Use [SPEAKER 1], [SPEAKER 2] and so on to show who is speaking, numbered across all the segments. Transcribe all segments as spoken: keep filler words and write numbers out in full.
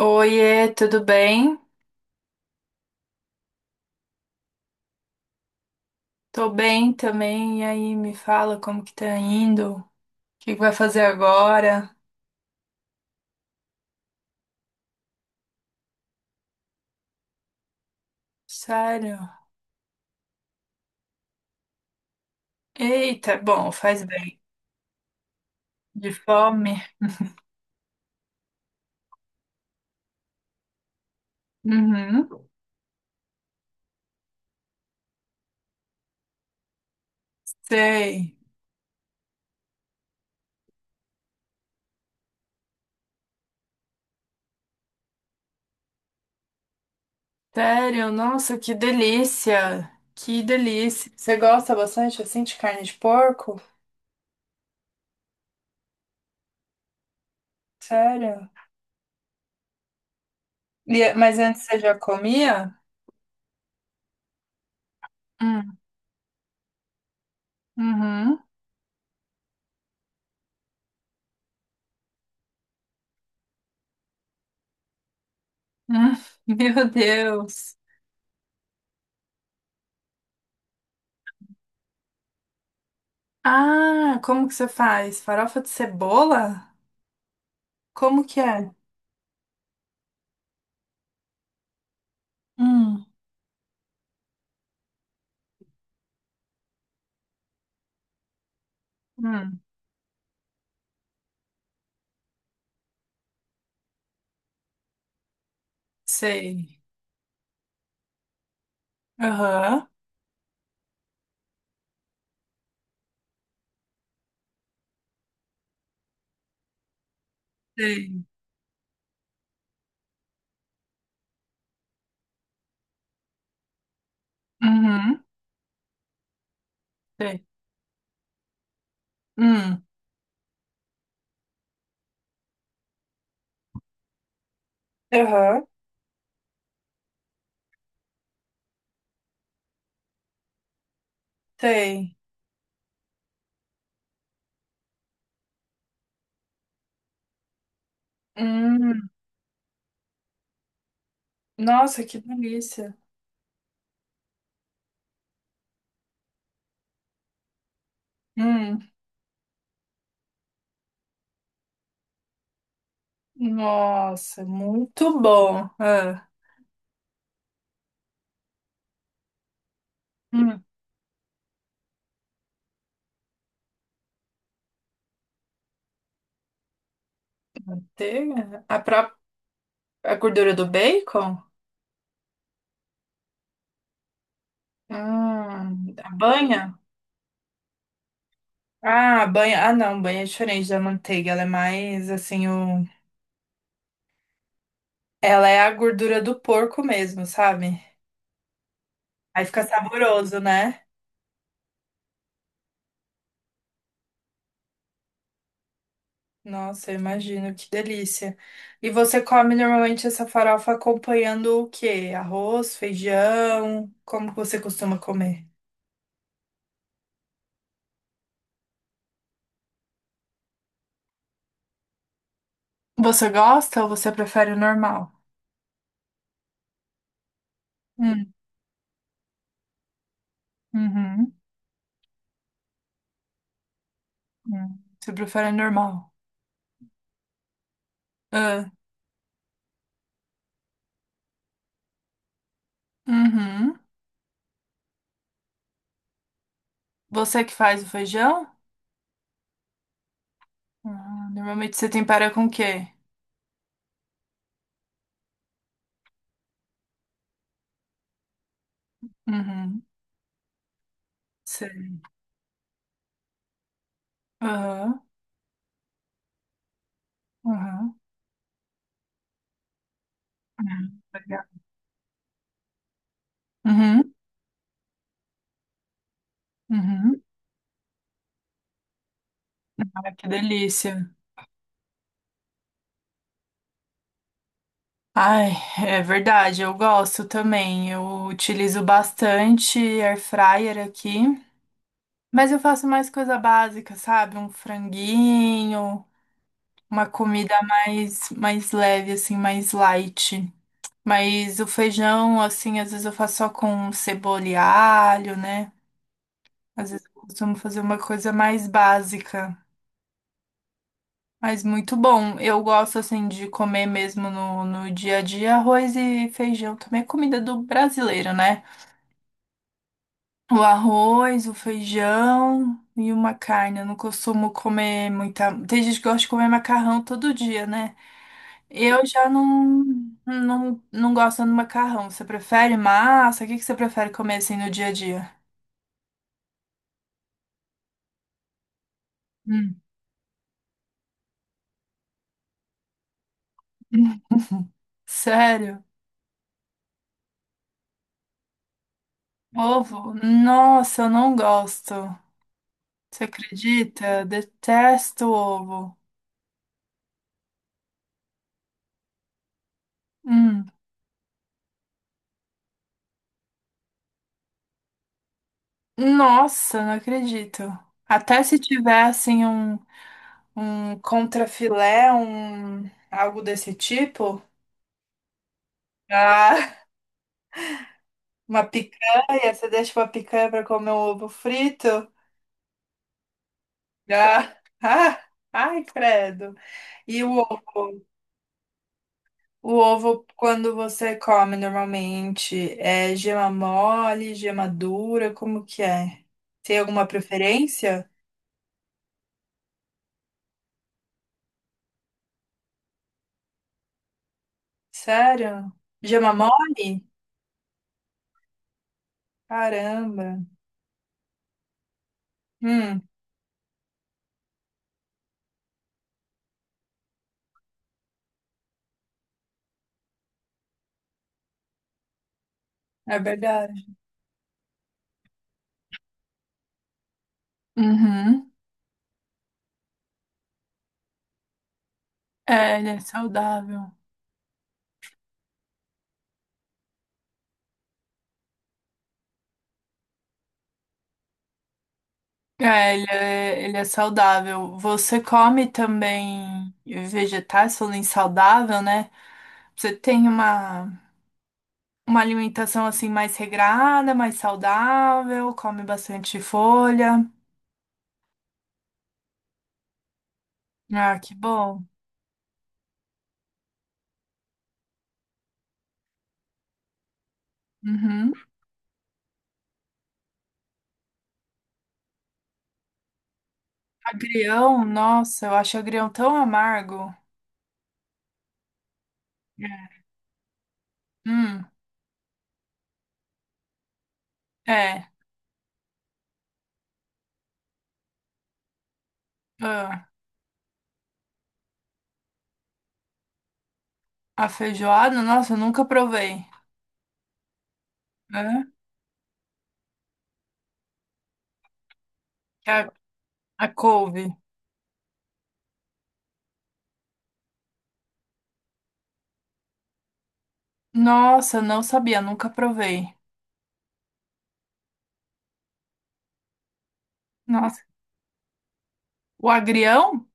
[SPEAKER 1] Oiê, tudo bem? Tô bem também. E aí, me fala como que tá indo? O que que vai fazer agora? Sério? Eita, bom, faz bem. De fome? Uhum, sei. Sério? Nossa, que delícia! Que delícia! Você gosta bastante assim de carne de porco? Sério? E- mas antes você já comia? Hum, Uhum. Hum. Meu Deus! Ah, como que você faz? Farofa de cebola? Como que é? Hum. Hum, sei. Aham. Sei. Uhum, sei. Hum, aham, sei. Hum. Nossa, que delícia. Hum. Nossa, muito bom. Ah, hum. Manteiga? A própria, a gordura do bacon? Hum, a banha? Ah, a banha. Ah, não, banha é diferente da manteiga. Ela é mais assim, o, ela é a gordura do porco mesmo, sabe? Aí fica saboroso, né? Nossa, eu imagino, que delícia. E você come normalmente essa farofa acompanhando o quê? Arroz, feijão? Como que você costuma comer? Você gosta ou você prefere o normal? Hum, uhum, hum. Você prefere o normal? Ah, uhum. Você que faz o feijão? Ah, normalmente você tempera com o quê? Uhum, sei. Aham, aham. Uhum, legal. Uhum, uhum. Ah, que delícia. Ai, é verdade, eu gosto também. Eu utilizo bastante air fryer aqui, mas eu faço mais coisa básica, sabe? Um franguinho, uma comida mais mais leve assim, mais light. Mas o feijão, assim, às vezes eu faço só com cebola e alho, né? Às vezes eu costumo fazer uma coisa mais básica. Mas muito bom. Eu gosto, assim, de comer mesmo no, no dia a dia arroz e feijão. Também é comida do brasileiro, né? O arroz, o feijão e uma carne. Eu não costumo comer muita. Tem gente que gosta de comer macarrão todo dia, né? Eu já não, não, não gosto do macarrão. Você prefere massa? O que que você prefere comer assim no dia a dia? Hum. Sério? Ovo? Nossa, eu não gosto. Você acredita? Detesto ovo. Hum. Nossa, não acredito. Até se tiver assim um. Um contrafilé, um algo desse tipo? Ah, uma picanha, você deixa uma picanha para comer um ovo frito? Ah, ah, ai, credo. E o ovo? O ovo, quando você come normalmente, é gema mole, gema dura, como que é? Tem alguma preferência? Sério? Gema mole? Caramba. Hum, é verdade. Uhum. É, ele é saudável. É, ele é, ele é saudável. Você come também vegetais, falando em saudável, né? Você tem uma, uma alimentação assim mais regrada, mais saudável, come bastante folha. Ah, que bom. Uhum. Agrião, nossa, eu acho agrião tão amargo. É. Hum, é. Ah, a feijoada, nossa, eu nunca provei. Hã? É A, a couve. Nossa, não sabia, nunca provei. Nossa, o agrião?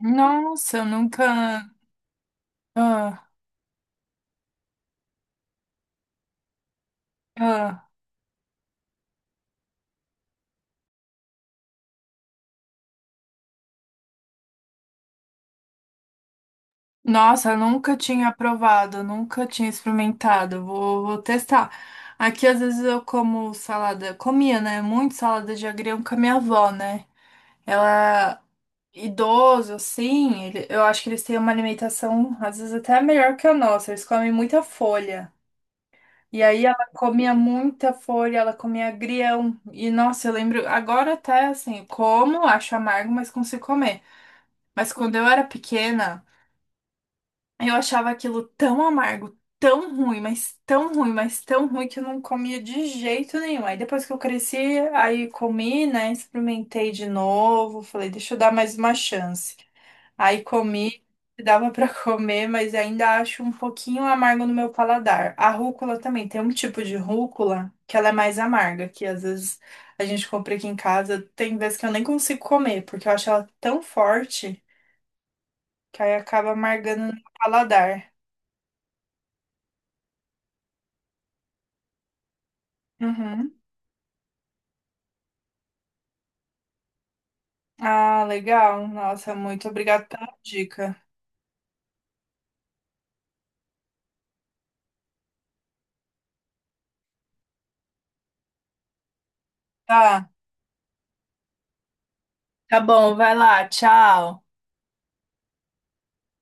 [SPEAKER 1] Nossa, eu nunca. Ah, ah. Nossa, eu nunca tinha provado, nunca tinha experimentado. Vou, vou testar. Aqui, às vezes, eu como salada. Comia, né? Muito salada de agrião com a minha avó, né? Ela é idoso, assim. Ele- eu acho que eles têm uma alimentação, às vezes, até melhor que a nossa. Eles comem muita folha. E aí, ela comia muita folha, ela comia agrião. E, nossa, eu lembro. Agora, até assim, como, acho amargo, mas consigo comer. Mas quando eu era pequena, eu achava aquilo tão amargo, tão ruim, mas tão ruim, mas tão ruim que eu não comia de jeito nenhum. Aí depois que eu cresci, aí comi, né? Experimentei de novo, falei, deixa eu dar mais uma chance. Aí comi, dava pra comer, mas ainda acho um pouquinho amargo no meu paladar. A rúcula também, tem um tipo de rúcula que ela é mais amarga, que às vezes a gente compra aqui em casa, tem vezes que eu nem consigo comer, porque eu acho ela tão forte que aí acaba amargando no paladar. Uhum. Ah, legal. Nossa, muito obrigada pela dica. Tá, tá bom, vai lá, tchau.